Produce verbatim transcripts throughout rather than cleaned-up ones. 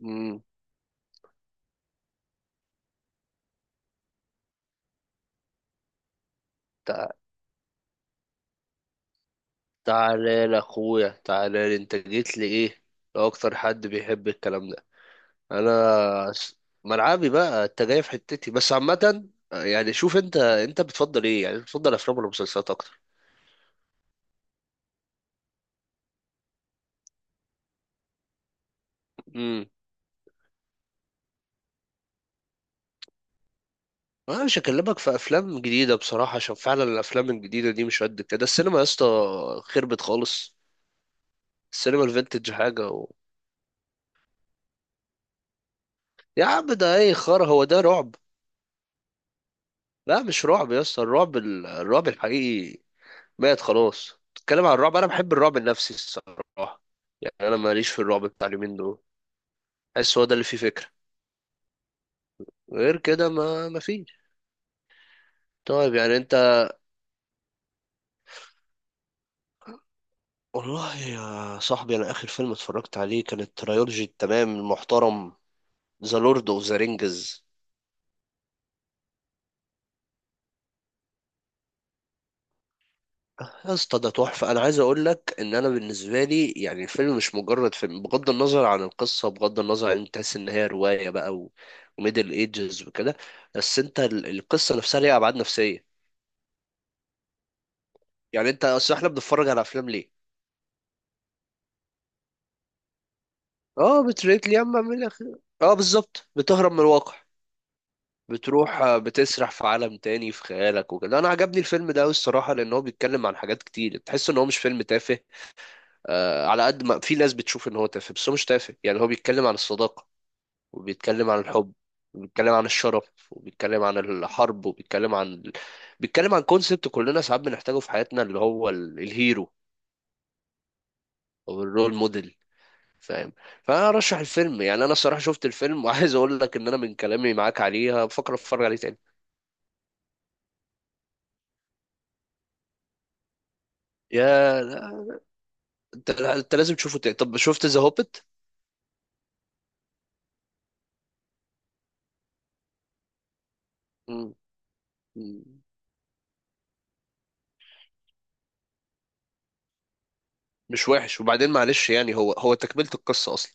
مم. تع- تعالى لي اخويا، تعالى لي. انت جيت لي ايه؟ لو اكتر حد بيحب الكلام ده. انا س- ملعبي بقى، انت جاي في حتتي، بس عامة يعني شوف انت، انت بتفضل ايه؟ يعني بتفضل افلام ولا مسلسلات اكتر؟ امم انا مش هكلمك في افلام جديدة بصراحة، عشان فعلا الافلام الجديدة دي مش قد كده. السينما يا اسطى خربت خالص. السينما الفينتج حاجة و... يا عم ده ايه خرا، هو ده رعب؟ لا مش رعب يا اسطى، الرعب ال- الرعب الحقيقي مات خلاص. تتكلم عن الرعب، انا بحب الرعب النفسي الصراحه. يعني انا ماليش في الرعب بتاع اليومين دول. بحس هو ده اللي فيه فكره، غير كده ما ما فيش. طيب يعني انت، والله يا صاحبي انا اخر فيلم اتفرجت عليه كانت ترايولوجي التمام المحترم، ذا لورد اوف ذا رينجز. يا اسطى ده تحفه. انا عايز اقول لك ان انا بالنسبه لي، يعني الفيلم مش مجرد فيلم، بغض النظر عن القصه، بغض النظر عن انت تحس ان هي روايه بقى و... وميدل ايجز وكده، بس انت ال- القصه نفسها ليها ابعاد نفسيه. يعني انت، اصل احنا بنتفرج على افلام ليه؟ اه، بتريك يا عم، اعمل لك، اه بالظبط بتهرب من الواقع. بتروح آه، بتسرح في عالم تاني في خيالك وكده. انا عجبني الفيلم ده قوي الصراحه، لان هو بيتكلم عن حاجات كتير، تحس ان هو مش فيلم تافه. آه، على قد ما في ناس بتشوف ان هو تافه، بس هو مش تافه. يعني هو بيتكلم عن الصداقه، وبيتكلم عن الحب، وبيتكلم عن الشرف، وبيتكلم عن الحرب، وبيتكلم عن، بيتكلم عن كونسبت كلنا ساعات بنحتاجه في حياتنا، اللي هو ال- الهيرو او الرول موديل، فاهم. فانا ارشح الفيلم. يعني انا الصراحه شفت الفيلم وعايز اقول لك ان انا من كلامي معاك عليها بفكر اتفرج عليه تاني. يا لا، انت انت لازم تشوفه تاني. طب شفت ذا هوبت؟ مش وحش. وبعدين معلش، يعني هو هو تكمله القصه اصلا.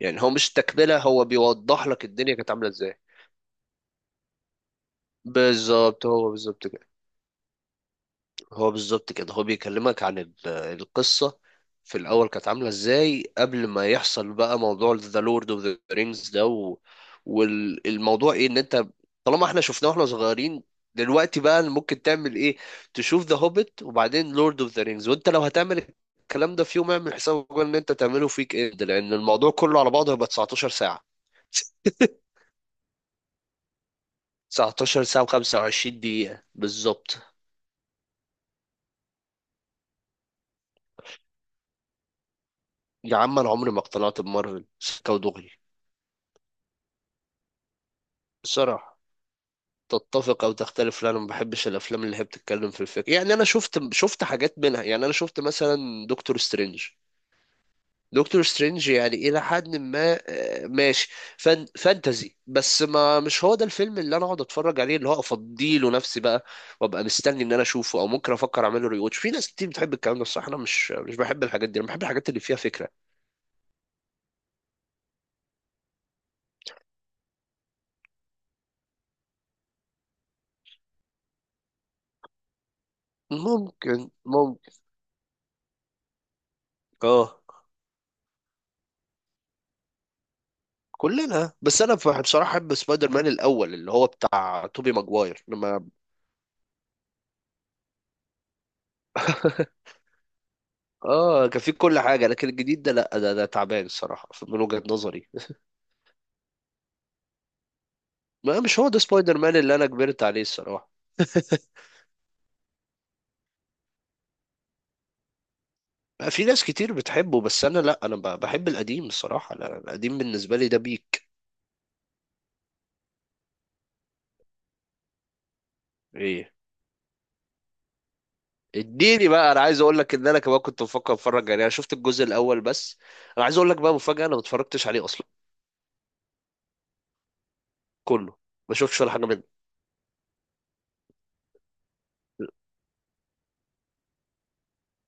يعني هو مش تكمله، هو بيوضح لك الدنيا كانت عامله ازاي. بالظبط، هو بالظبط كده هو بالظبط كده، هو بيكلمك عن ال- القصة في الأول كانت عاملة إزاي قبل ما يحصل بقى موضوع ذا لورد اوف ذا رينجز ده و... والموضوع إيه، إن أنت طالما إحنا شفناه وإحنا صغيرين، دلوقتي بقى ممكن تعمل إيه؟ تشوف ذا هوبيت وبعدين لورد اوف ذا رينجز. وأنت لو هتعمل الكلام ده في يوم، اعمل حسابك إن أنت تعمله فيك إيه، لأن الموضوع كله على بعضه هيبقى تسعتاشر ساعة. تسعة عشر ساعة وخمسة وعشرين دقيقة بالظبط. يا عم أنا عمري ما اقتنعت بمارفل، سكة ودغري. بصراحة تتفق او تختلف، لا انا ما بحبش الافلام اللي هي بتتكلم في الفكره. يعني انا شفت شفت حاجات منها، يعني انا شفت مثلا دكتور سترينج. دكتور سترينج يعني الى حد ما آه، ماشي، فان فانتزي، بس ما مش هو ده الفيلم اللي انا اقعد اتفرج عليه، اللي هو افضيله نفسي بقى، وابقى مستني ان انا اشوفه او ممكن افكر اعمله ريوتش. في ناس كتير بتحب الكلام ده الصراحه، انا مش مش بحب الحاجات دي، انا بحب الحاجات اللي فيها فكره. ممكن ممكن. اه. كلنا، بس انا بصراحه احب سبايدر مان الاول اللي هو بتاع توبي ماجواير، لما اه كان فيه كل حاجة. لكن الجديد ده لا، ده ده تعبان الصراحة من وجهة نظري. ما مش هو ده سبايدر مان اللي انا كبرت عليه الصراحة. في ناس كتير بتحبه بس انا لا، انا ب- بحب القديم الصراحة. لا، القديم بالنسبة لي ده بيك. ايه؟ اديني بقى، انا عايز اقول لك ان انا كمان كنت بفكر اتفرج. يعني انا شفت الجزء الاول بس. انا عايز اقول لك بقى مفاجأة، انا ما اتفرجتش عليه اصلا. كله، ما شفتش ولا حاجة منه.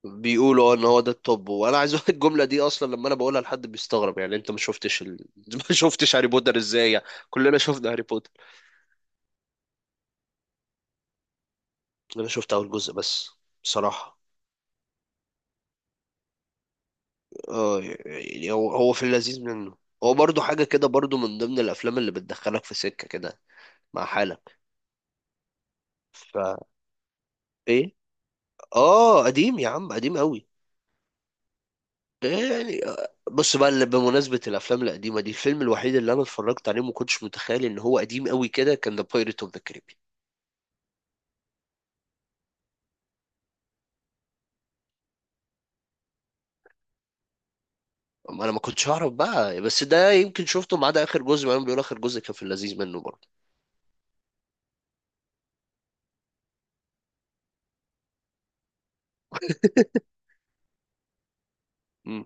بيقولوا اه ان هو ده التوب. وانا عايز اقول الجمله دي، اصلا لما انا بقولها لحد بيستغرب، يعني انت ما شفتش ال... ما شفتش هاري بوتر ازاي؟ يعني كلنا شفنا هاري بوتر. انا شفت اول جزء بس بصراحه. اه، يعني هو هو في اللذيذ منه. هو برضو حاجه كده، برضو من ضمن الافلام اللي بتدخلك في سكه كده مع حالك. ف، ايه؟ اه قديم يا عم، قديم قوي. يعني آه، بص بقى، اللي بمناسبة الأفلام القديمة دي، الفيلم الوحيد اللي أنا اتفرجت عليه ما كنتش متخيل إن هو قديم قوي كده كان ذا بايريت أوف ذا كاريبيان. ما انا ما كنتش اعرف بقى، بس ده يمكن شفته ما عدا اخر جزء. ما بيقول اخر جزء، كان في اللذيذ منه برضه. مم.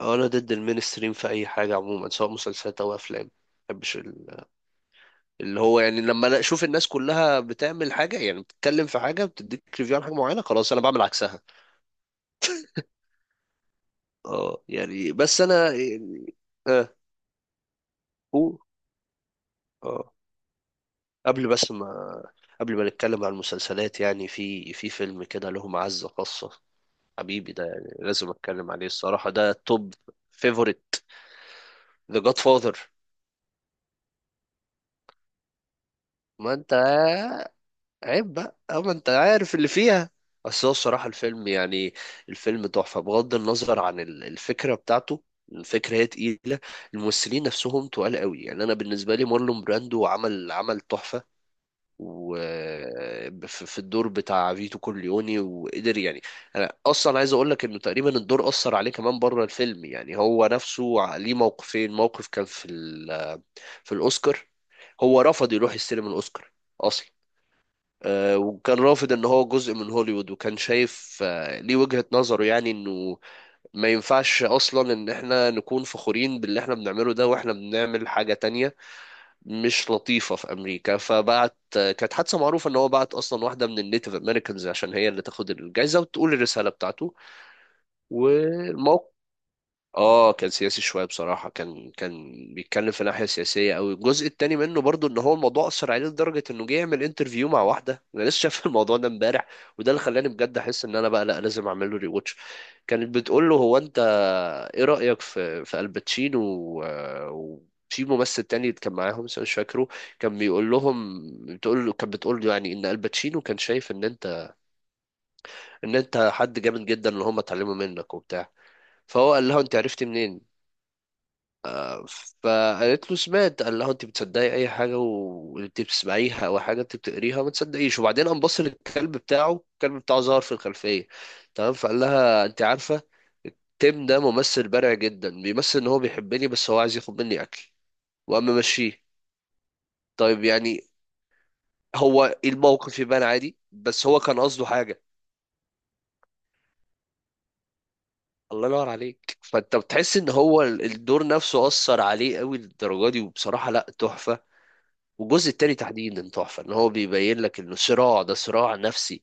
انا ضد المينستريم في اي حاجه عموما، سواء مسلسلات او افلام. ما بحبش ال- اللي هو، يعني لما انا اشوف الناس كلها بتعمل حاجه، يعني بتتكلم في حاجه، بتديك ريفيو عن حاجه معينه، خلاص انا بعمل عكسها. اه يعني، بس انا يعني، اه. هو، اه، قبل بس ما قبل ما نتكلم عن المسلسلات، يعني في في فيلم كده له معزه خاصه. حبيبي ده يعني لازم اتكلم عليه الصراحه، ده توب فيفوريت، ذا جاد فاذر. ما انت، عيب بقى، اه ما انت عارف اللي فيها. بس هو الصراحة الفيلم يعني، الفيلم تحفة بغض النظر عن ال- الفكرة بتاعته. الفكرة هي تقيلة، الممثلين نفسهم تقال قوي. يعني أنا بالنسبة لي مارلون براندو عمل عمل تحفة، و، في في الدور بتاع فيتو كورليوني، وقدر يعني. انا اصلا عايز اقول لك انه تقريبا الدور اثر عليه كمان بره الفيلم. يعني هو نفسه ع- ليه موقفين. موقف كان في، في الأوسكار، هو رفض يروح يستلم الأوسكار أصلا. آه، وكان رافض ان هو جزء من هوليوود، وكان شايف آه، ليه وجهة نظره، يعني انه ما ينفعش اصلا ان احنا نكون فخورين باللي احنا بنعمله ده واحنا بنعمل حاجة تانية مش لطيفة في امريكا. فبعت آه، كانت حادثة معروفة، ان هو بعت اصلا واحدة من النيتيف امريكانز عشان هي اللي تاخد الجايزة وتقول الرسالة بتاعته. والموقف، اه كان سياسي شويه بصراحه، كان كان بيتكلم في ناحيه سياسيه قوي. الجزء التاني منه برضو، ان هو الموضوع اثر عليه لدرجه انه جه يعمل انترفيو مع واحده، انا لسه شايف الموضوع ده امبارح، وده اللي خلاني بجد احس ان انا بقى لا لازم اعمل له ري واتش. كانت بتقول له، هو انت ايه رايك في في الباتشينو، و- وفي ممثل تاني كان معاهم بس أنا مش فاكره، كان بيقول لهم. بتقول له، كان بتقول له يعني ان الباتشينو كان شايف ان انت ان انت حد جامد جدا اللي هم اتعلموا منك وبتاع. فهو قال لها، انت عرفتي منين؟ فقالت له، سمعت. قال لها، انت بتصدقي اي حاجه وانت بتسمعيها، او حاجه انت بتقريها ما تصدقيش. وبعدين قام بص للكلب بتاعه، الكلب بتاعه ظهر في الخلفيه، تمام. فقال لها، انت عارفه، تيم ده ممثل بارع جدا، بيمثل ان هو بيحبني بس هو عايز ياخد مني اكل، وقام ماشيه. طيب يعني، هو الموقف يبان عادي بس هو كان قصده حاجه. الله ينور عليك. فانت بتحس ان هو الدور نفسه اثر عليه قوي للدرجه دي، وبصراحه لا تحفه. والجزء التاني تحديدا تحفة، ان هو بيبين لك انه صراع، ده صراع نفسي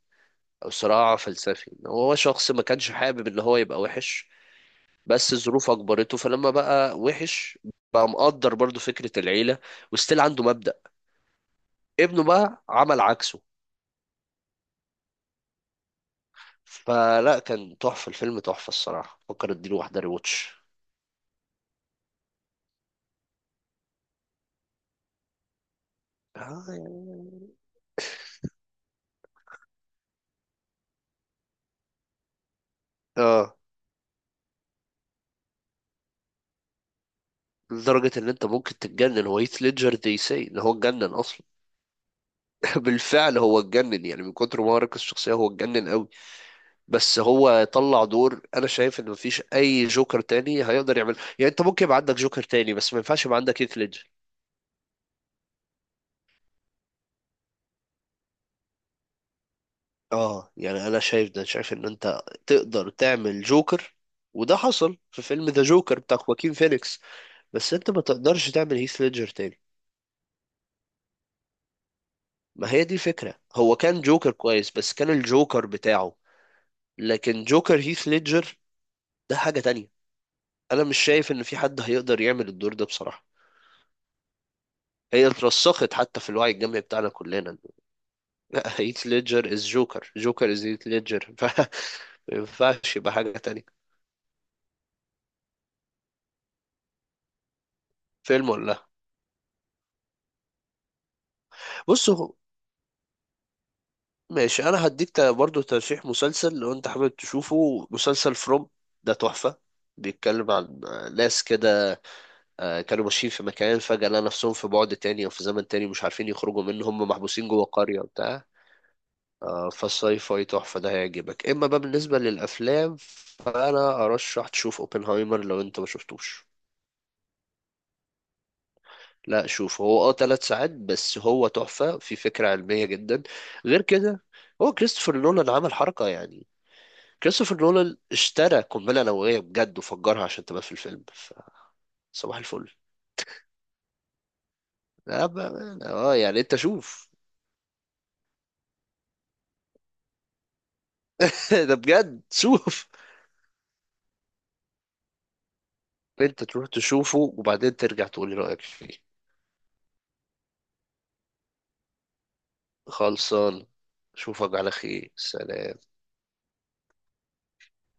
او صراع فلسفي، ان هو شخص ما كانش حابب ان هو يبقى وحش، بس ظروف اجبرته. فلما بقى وحش، بقى مقدر برضو فكرة العيلة، وستيل عنده مبدأ. ابنه بقى عمل عكسه. فلا كان تحفة، الفيلم تحفة الصراحة، فكر اديله واحدة ريواتش. اه يعني- آه، لدرجة ان انت ممكن تتجنن. هو هيث ليدجر دي، سي ان هو اتجنن اصلا. بالفعل هو اتجنن، يعني من كتر ما هو ركز الشخصية هو اتجنن قوي. بس هو طلع دور انا شايف ان مفيش اي جوكر تاني هيقدر يعمل. يعني انت ممكن يبقى عندك جوكر تاني، بس ما ينفعش يبقى عندك هيث ليدجر. اه يعني انا شايف ده، شايف ان انت تقدر تعمل جوكر، وده حصل في فيلم ذا جوكر بتاع خواكين فينيكس، بس انت ما تقدرش تعمل هيث ليدجر تاني. ما هي دي الفكرة، هو كان جوكر كويس بس كان الجوكر بتاعه. لكن جوكر هيث ليدجر، ده حاجة تانية. انا مش شايف ان في حد هيقدر يعمل الدور ده بصراحة. هي اترسخت حتى في الوعي الجمعي بتاعنا كلنا، لا، هيت ليدجر از جوكر، جوكر از هيت ليدجر. ما ينفعش يبقى حاجة تانية. فيلم ولا لا؟ بص هو- ماشي، انا هديك تا- برضو ترشيح مسلسل لو انت حابب تشوفه، مسلسل فروم. ده تحفة. بيتكلم عن ناس كده آه، كانوا ماشيين في مكان، فجأة لقوا نفسهم في بعد تاني او في زمن تاني، مش عارفين يخرجوا منه، هم محبوسين جوه قرية وبتاع. آه، فالساي فاي تحفة، ده هيعجبك. اما بقى بالنسبة للافلام، فانا ارشح تشوف اوبنهايمر لو انت ما شفتوش. لا شوف، هو اه ثلاث ساعات بس هو تحفة في فكرة علمية جدا. غير كده، هو كريستوفر نولان عمل حركة يعني، كريستوفر نولان اشترى قنبلة نووية بجد وفجرها عشان تبقى في الفيلم. ف- صباح الفل. لا بقى، اه يعني انت شوف. ده بجد شوف. انت تروح تشوفه وبعدين ترجع تقولي رأيك فيه. خلصان. اشوفك على خير، سلام.